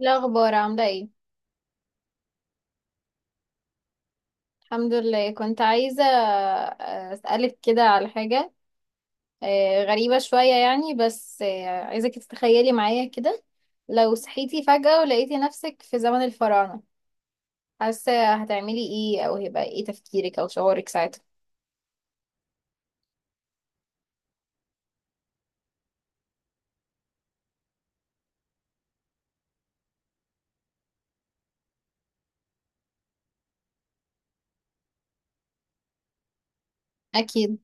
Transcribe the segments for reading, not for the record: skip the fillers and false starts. الأخبار عاملة ايه؟ الحمد لله، كنت عايزة أسألك كده على حاجة غريبة شوية، يعني بس عايزك تتخيلي معايا كده. لو صحيتي فجأة ولقيتي نفسك في زمن الفراعنة، حاسة هتعملي ايه؟ أو هيبقى ايه تفكيرك أو شعورك ساعتها؟ أكيد.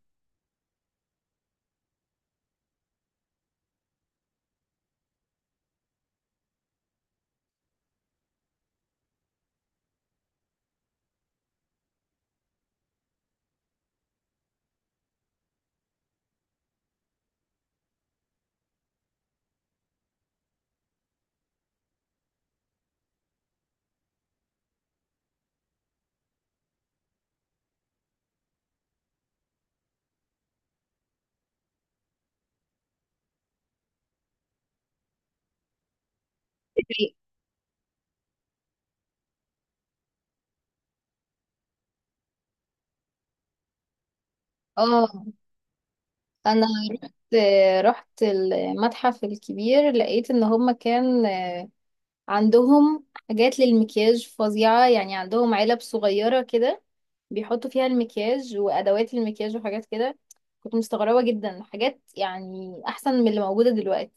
إيه؟ اه، أنا رحت رحت المتحف الكبير، لقيت إن هما كان عندهم حاجات للمكياج فظيعة، يعني عندهم علب صغيرة كده بيحطوا فيها المكياج وأدوات المكياج وحاجات كده. كنت مستغربة جدا، حاجات يعني أحسن من اللي موجودة دلوقتي.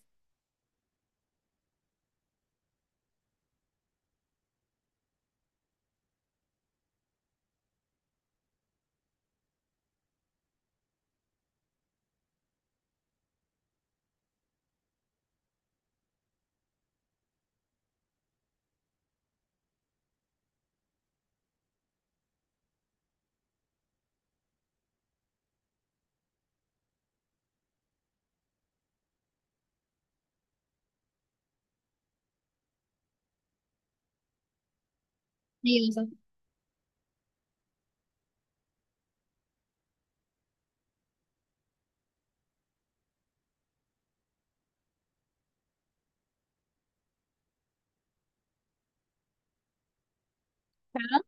ايوه صح. فعلا.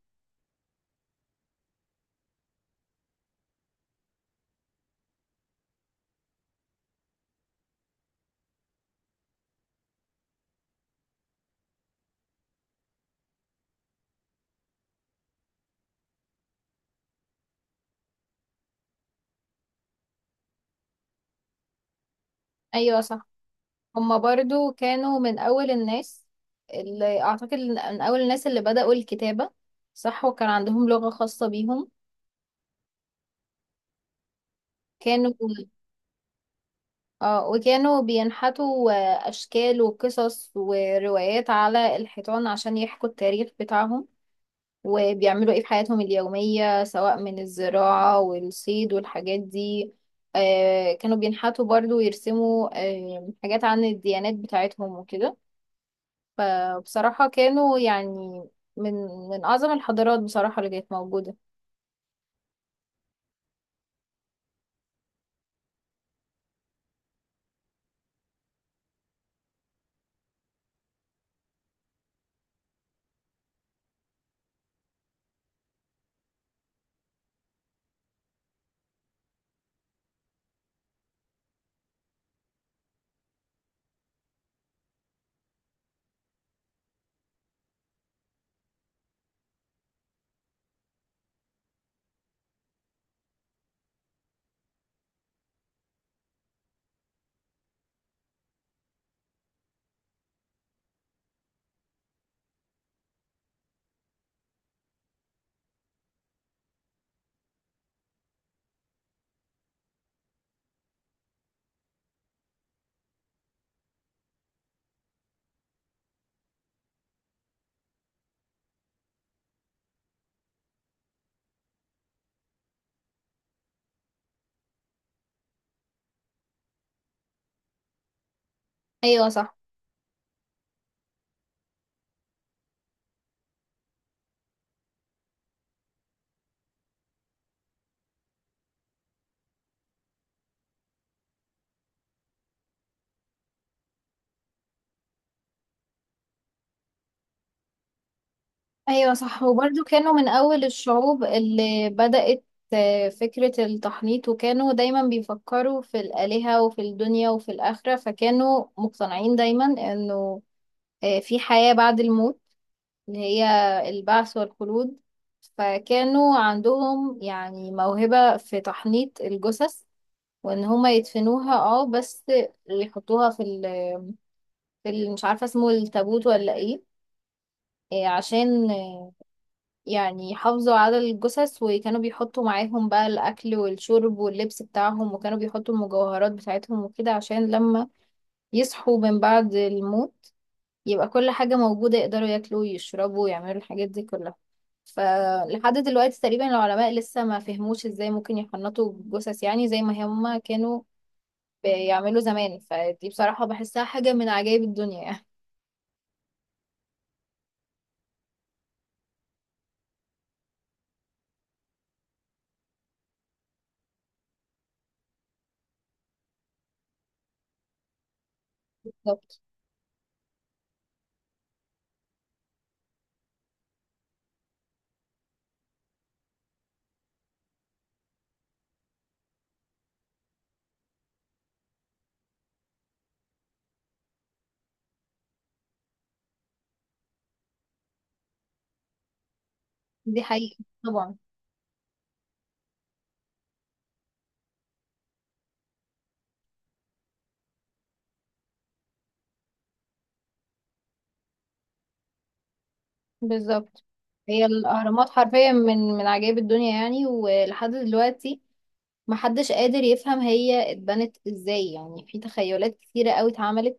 أيوة صح، هما برضو كانوا من أول الناس اللي، أعتقد، من أول الناس اللي بدأوا الكتابة. صح، وكان عندهم لغة خاصة بيهم كانوا، اه، وكانوا بينحتوا أشكال وقصص وروايات على الحيطان عشان يحكوا التاريخ بتاعهم وبيعملوا ايه في حياتهم اليومية، سواء من الزراعة والصيد والحاجات دي. آه، كانوا بينحتوا برضو ويرسموا آه حاجات عن الديانات بتاعتهم وكده. فبصراحة كانوا يعني من أعظم الحضارات بصراحة اللي كانت موجودة. أيوة صح. ايوه صح، وبرضو كانوا من اول الشعوب اللي بدأت فكرة التحنيط، وكانوا دايما بيفكروا في الآلهة وفي الدنيا وفي الآخرة، فكانوا مقتنعين دايما انه في حياة بعد الموت اللي هي البعث والخلود. فكانوا عندهم يعني موهبة في تحنيط الجثث، وان هما يدفنوها، اه بس يحطوها في مش عارفة اسمه التابوت ولا ايه، عشان يعني حافظوا على الجثث، وكانوا بيحطوا معاهم بقى الأكل والشرب واللبس بتاعهم، وكانوا بيحطوا المجوهرات بتاعتهم وكده، عشان لما يصحوا من بعد الموت يبقى كل حاجة موجودة، يقدروا ياكلوا ويشربوا ويعملوا الحاجات دي كلها. فلحد دلوقتي تقريبا العلماء لسه ما فهموش ازاي ممكن يحنطوا الجثث يعني زي ما هما كانوا بيعملوا زمان. فدي بصراحة بحسها حاجة من عجائب الدنيا يعني. بالظبط. دي حقيقة. طبعا. بالظبط. هي الأهرامات حرفيا من عجائب الدنيا، يعني ولحد دلوقتي محدش قادر يفهم هي اتبنت ازاي. يعني في تخيلات كتيرة قوي اتعملت،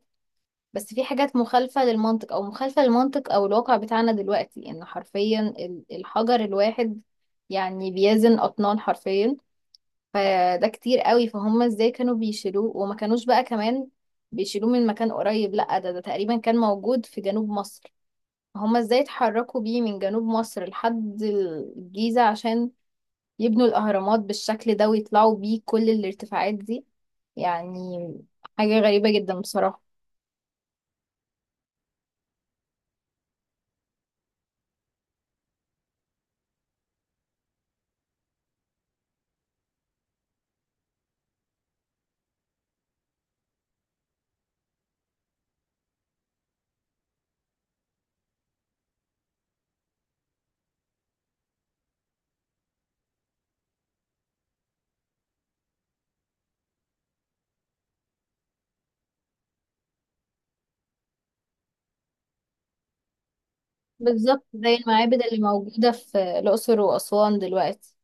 بس في حاجات مخالفة للمنطق أو مخالفة للمنطق أو الواقع بتاعنا دلوقتي، إن حرفيا الحجر الواحد يعني بيزن أطنان حرفيا. فده كتير قوي، فهم ازاي كانوا بيشيلوه. وما كانوش بقى كمان بيشيلوه من مكان قريب، لأ، ده تقريبا كان موجود في جنوب مصر. هما ازاي اتحركوا بيه من جنوب مصر لحد الجيزة عشان يبنوا الأهرامات بالشكل ده، ويطلعوا بيه كل الارتفاعات دي؟ يعني حاجة غريبة جدا بصراحة. بالظبط، زي المعابد اللي موجودة في الأقصر وأسوان دلوقتي.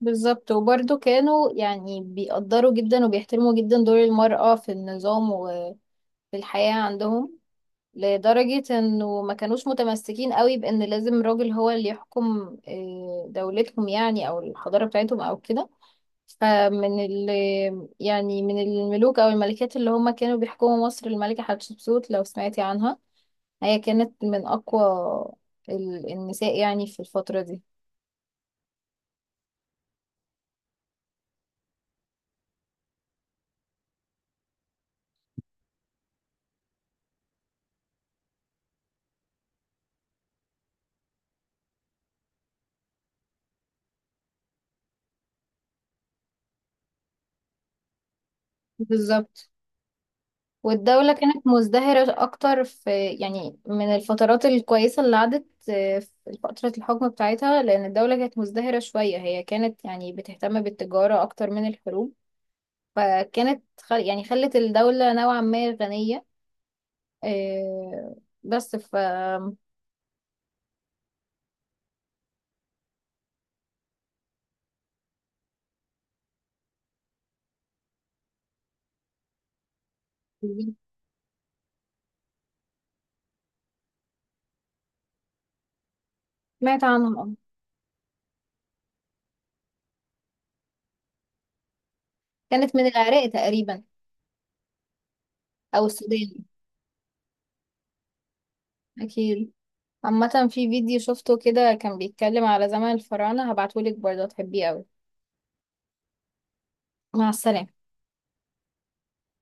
بالظبط، وبرضه كانوا يعني بيقدروا جدا وبيحترموا جدا دور المرأة في النظام وفي الحياة عندهم، لدرجة انه ما كانوش متمسكين قوي بان لازم راجل هو اللي يحكم دولتهم، يعني او الحضارة بتاعتهم او كده. فمن ال يعني من الملوك أو الملكات اللي هم كانوا بيحكموا مصر، الملكة حتشبسوت، لو سمعتي عنها. هي كانت من أقوى النساء يعني في الفترة دي. بالظبط، والدولة كانت مزدهرة أكتر في، يعني من الفترات الكويسة اللي عدت في فترة الحكم بتاعتها، لأن الدولة كانت مزدهرة شوية. هي كانت يعني بتهتم بالتجارة أكتر من الحروب، فكانت يعني خلت الدولة نوعا ما غنية. آه، بس ف سمعت عنها اه. كانت من العراق تقريبا، او السودان. اكيد. عامة في فيديو شفته كده، كان بيتكلم على زمن الفراعنة، هبعتهولك برضه هتحبيه اوي. مع السلامة.